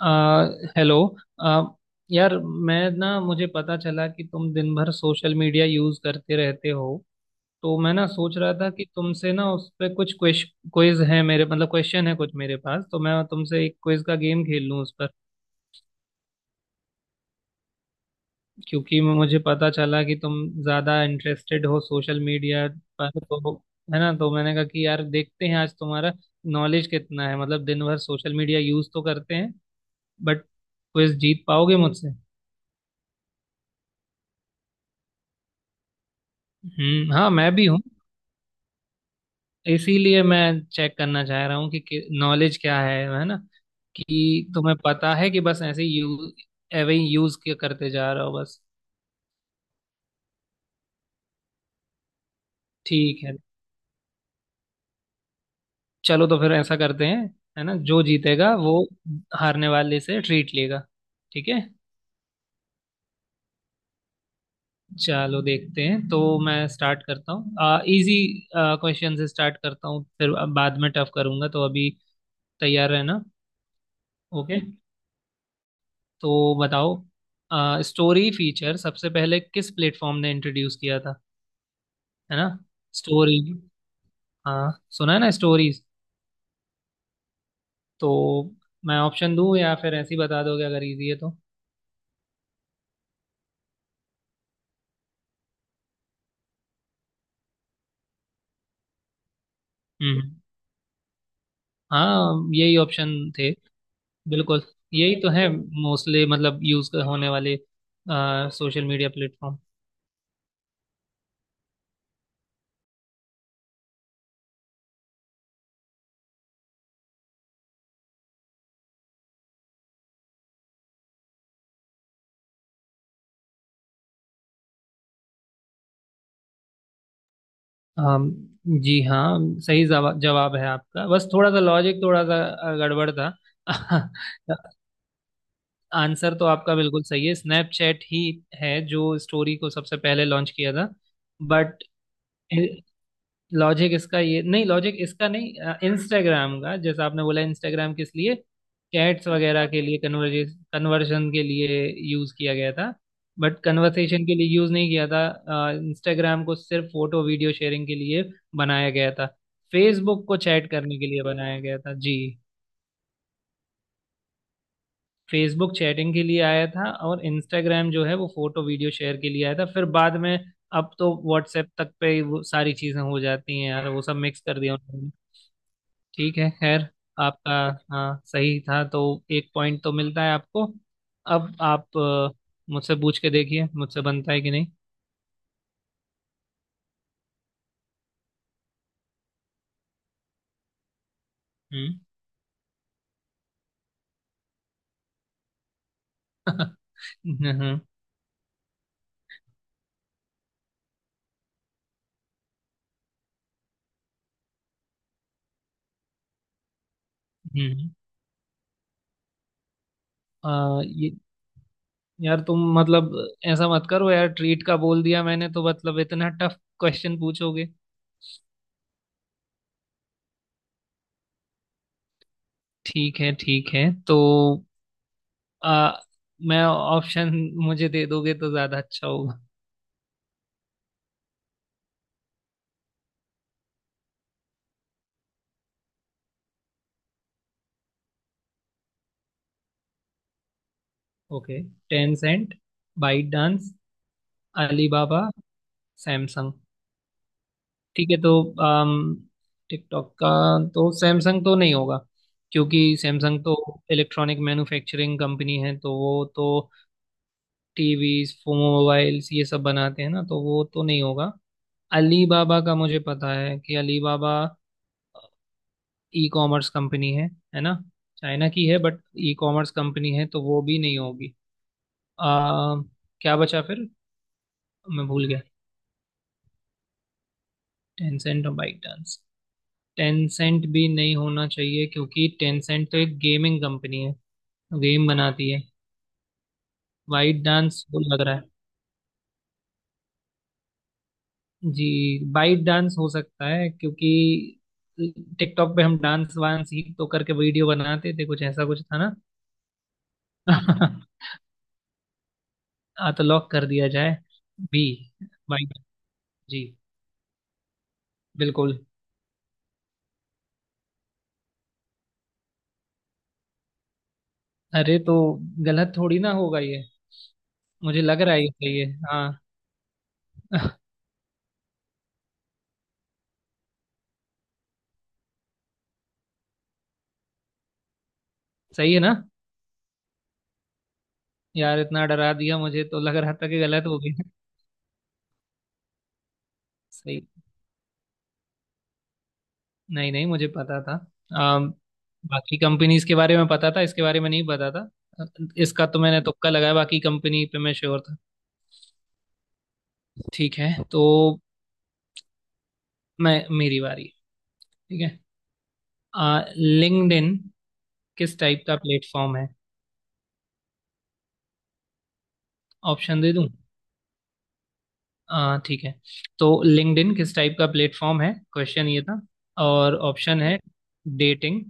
आ, hello. आ, यार, मैं ना मुझे पता चला कि तुम दिन भर सोशल मीडिया यूज करते रहते हो। तो मैं ना सोच रहा था कि तुमसे ना उस पे कुछ क्वेश क्विज है मेरे, मतलब क्वेश्चन है कुछ मेरे पास, तो मैं तुमसे एक क्विज का गेम खेल लूँ उस पर। क्योंकि मुझे पता चला कि तुम ज़्यादा इंटरेस्टेड हो सोशल मीडिया पर, तो है ना। तो मैंने कहा कि यार देखते हैं आज तुम्हारा नॉलेज कितना है। मतलब दिन भर सोशल मीडिया यूज तो करते हैं, बट क्विज जीत पाओगे मुझसे। हम्म, हाँ मैं भी हूँ। इसीलिए मैं चेक करना चाह रहा हूँ कि नॉलेज क्या है ना। कि तुम्हें पता है कि बस ऐसे यूज करते जा रहे हो बस। ठीक है, चलो तो फिर ऐसा करते हैं, है ना। जो जीतेगा वो हारने वाले से ट्रीट लेगा, ठीक है। चलो देखते हैं। तो मैं स्टार्ट करता हूँ, इजी क्वेश्चन से स्टार्ट करता हूँ, फिर बाद में टफ करूंगा, तो अभी तैयार रहना। ओके, तो बताओ, स्टोरी फीचर सबसे पहले किस प्लेटफॉर्म ने इंट्रोड्यूस किया था, है ना। स्टोरी, हाँ सुना है ना, स्टोरीज। तो मैं ऑप्शन दूं या फिर ऐसे ही बता दोगे, अगर इजी है तो। हम्म, हाँ यही ऑप्शन थे। बिल्कुल यही तो है मोस्टली, मतलब यूज होने वाले सोशल मीडिया प्लेटफॉर्म। हम, जी हाँ, सही जवाब है आपका, बस थोड़ा सा लॉजिक थोड़ा सा गड़बड़ था। आंसर तो आपका बिल्कुल सही है, स्नैपचैट ही है जो स्टोरी को सबसे पहले लॉन्च किया था। बट लॉजिक इसका ये नहीं, लॉजिक इसका नहीं। इंस्टाग्राम का, जैसा आपने बोला, इंस्टाग्राम किस लिए चैट्स वगैरह के लिए, कन्वर्जे कन्वर्जन के लिए यूज़ किया गया था। बट कन्वर्सेशन के लिए यूज़ नहीं किया था, इंस्टाग्राम को सिर्फ फोटो वीडियो शेयरिंग के लिए बनाया गया था। फेसबुक को चैट करने के लिए बनाया गया था जी। फेसबुक चैटिंग के लिए आया था, और इंस्टाग्राम जो है वो फोटो वीडियो शेयर के लिए आया था, फिर बाद में अब तो व्हाट्सएप तक पे ही वो सारी चीजें हो जाती हैं यार, वो सब मिक्स कर दिया उन्होंने। ठीक है, खैर, आपका हाँ सही था, तो एक पॉइंट तो मिलता है आपको। अब आप मुझसे पूछ के देखिए, मुझसे बनता है कि नहीं। हम्म। हम्म हम्म। ये यार, तुम मतलब ऐसा मत करो यार, ट्रीट का बोल दिया मैंने तो मतलब इतना टफ क्वेश्चन पूछोगे। ठीक है ठीक है, तो आ, मैं ऑप्शन मुझे दे दोगे तो ज्यादा अच्छा होगा। Okay. Tencent, ByteDance, Alibaba, Samsung. ठीक है, तो अम, टिकटॉक का तो सैमसंग तो नहीं होगा, क्योंकि सैमसंग तो इलेक्ट्रॉनिक मैन्युफैक्चरिंग कंपनी है, तो वो तो टीवीज मोबाइल्स ये सब बनाते हैं ना, तो वो तो नहीं होगा। अलीबाबा का मुझे पता है कि अलीबाबा ई कॉमर्स कंपनी है ना, चाइना की है, बट ई कॉमर्स कंपनी है, तो वो भी नहीं होगी। आ, क्या बचा फिर, मैं भूल गया। टेंसेंट और बाइक डांस। टेंसेंट भी नहीं होना चाहिए क्योंकि टेंसेंट तो एक गेमिंग कंपनी है, गेम बनाती है। बाइट डांस वो लग रहा है जी, बाइट डांस हो सकता है क्योंकि टिकटॉक पे हम डांस वांस ही तो करके वीडियो बनाते थे, कुछ ऐसा कुछ था ना। हाँ, तो लॉक कर दिया जाए, बी, बाइट। जी बिल्कुल। अरे तो गलत थोड़ी ना होगा ये, मुझे लग रहा है ये सही है हाँ। सही है ना। यार, इतना डरा दिया, मुझे तो लग रहा था कि गलत हो गया। सही। नहीं नहीं, मुझे पता था। अम, बाकी कंपनीज के बारे में पता था, इसके बारे में नहीं पता था। इसका तो मैंने तुक्का लगाया, बाकी कंपनी पे मैं श्योर था। ठीक है, तो मैं मेरी बारी। ठीक है, लिंक्डइन किस टाइप का प्लेटफॉर्म है। ऑप्शन दे दूं, ठीक है। तो लिंक्डइन किस टाइप का प्लेटफॉर्म है, क्वेश्चन ये था। और ऑप्शन है डेटिंग,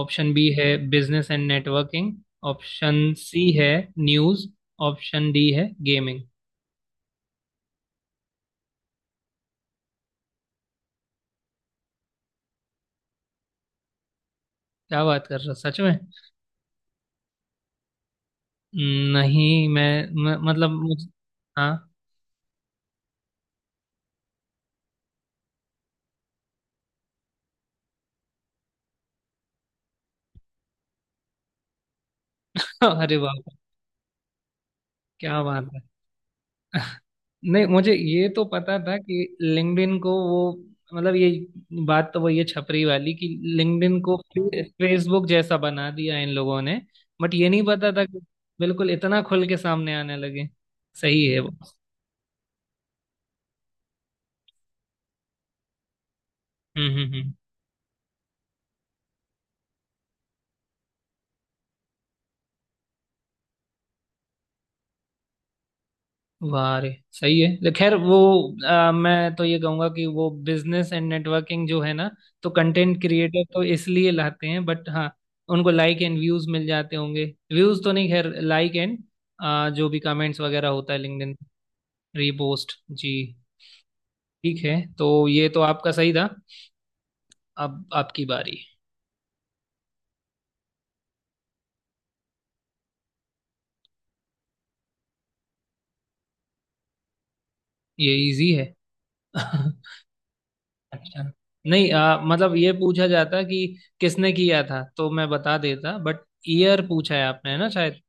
ऑप्शन बी है business and networking, option C है न्यूज़, ऑप्शन डी है गेमिंग। क्या बात कर रहा सच में। नहीं, मैं मतलब मुझ, हाँ। अरे वाह, क्या बात है। नहीं मुझे ये तो पता था कि लिंक्डइन को वो, मतलब ये बात तो वही है छपरी वाली कि लिंक्डइन को फेसबुक जैसा बना दिया इन लोगों ने। बट ये नहीं पता था कि बिल्कुल इतना खुल के सामने आने लगे। सही है वो। हम्म हम्म वाह रे, सही है खैर वो, मैं तो ये कहूंगा कि वो बिजनेस एंड नेटवर्किंग जो है ना, तो कंटेंट क्रिएटर तो इसलिए लाते हैं, बट हाँ उनको लाइक एंड व्यूज मिल जाते होंगे। व्यूज तो नहीं, खैर लाइक एंड जो भी कमेंट्स वगैरह होता है लिंक्डइन। रीपोस्ट, जी। ठीक है, तो ये तो आपका सही था। अब आपकी बारी। ये इजी है। अच्छा, नहीं मतलब ये पूछा जाता कि किसने किया था तो मैं बता देता, बट ईयर पूछा है आपने, है ना शायद।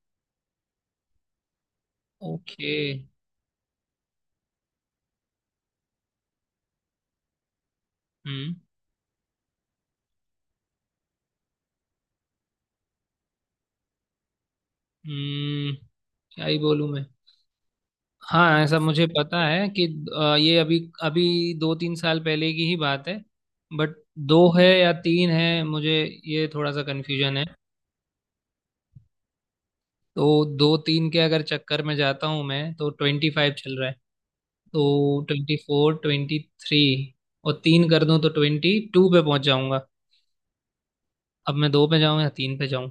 ओके। हम्म। हम्म, क्या ही बोलूं मैं। हाँ ऐसा मुझे पता है कि ये अभी अभी दो तीन साल पहले की ही बात है। बट दो है या तीन है मुझे ये थोड़ा सा कन्फ्यूजन है। तो दो तीन के अगर चक्कर में जाता हूँ मैं, तो ट्वेंटी फाइव चल रहा है, तो ट्वेंटी फोर, ट्वेंटी थ्री, और तीन कर दूं तो ट्वेंटी टू पे पहुंच जाऊंगा। अब मैं दो पे जाऊं या तीन पे जाऊं।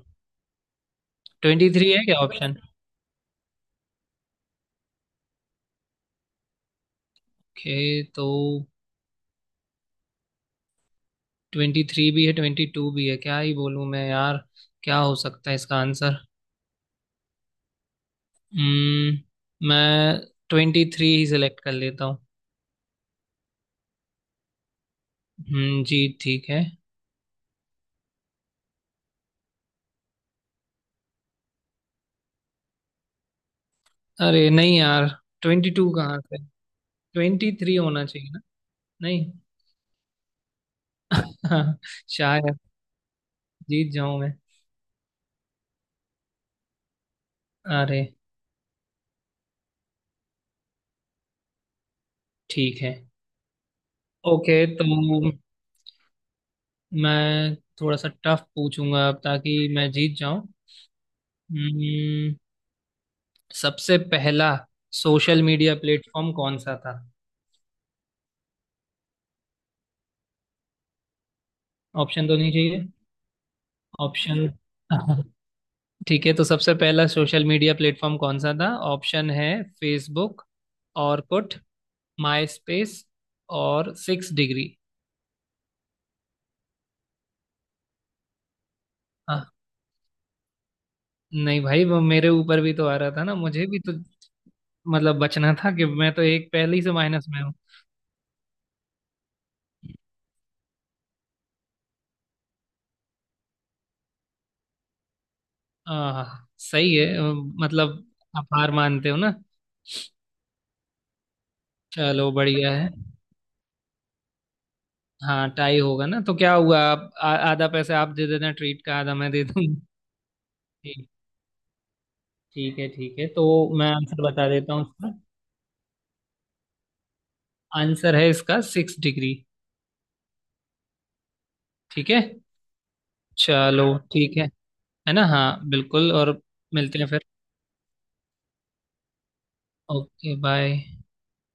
ट्वेंटी थ्री है क्या ऑप्शन। ओके, तो ट्वेंटी थ्री भी है ट्वेंटी टू भी है, क्या ही बोलूं मैं यार। क्या हो सकता है इसका आंसर। हम्म, मैं ट्वेंटी थ्री ही सिलेक्ट कर लेता हूँ। हम्म, जी ठीक है। अरे नहीं यार, ट्वेंटी टू कहाँ से, ट्वेंटी थ्री होना चाहिए ना। नहीं। शायद जीत जाऊं मैं। अरे, ठीक है। ओके, तो मैं थोड़ा सा टफ पूछूंगा अब ताकि मैं जीत जाऊं। हम्म, सबसे पहला सोशल मीडिया प्लेटफॉर्म कौन सा था। ऑप्शन तो नहीं चाहिए। ऑप्शन। ठीक है, तो सबसे पहला सोशल मीडिया प्लेटफॉर्म कौन सा था। ऑप्शन है फेसबुक, ऑरकुट, माई स्पेस, और सिक्स डिग्री। हाँ, नहीं भाई वो मेरे ऊपर भी तो आ रहा था ना, मुझे भी तो मतलब बचना था कि मैं तो एक पहले ही से माइनस में हूँ। आह, सही है। मतलब आप हार मानते हो ना। चलो बढ़िया है। हाँ टाई होगा ना तो क्या हुआ, आप आधा पैसे आप दे देना ट्रीट का, आधा मैं दे दूंगा। ठीक है ठीक है, तो मैं आंसर बता देता हूँ इसका। आंसर है इसका सिक्स डिग्री। ठीक है, चलो ठीक है ना। हाँ बिल्कुल। और मिलते हैं फिर। Okay bye.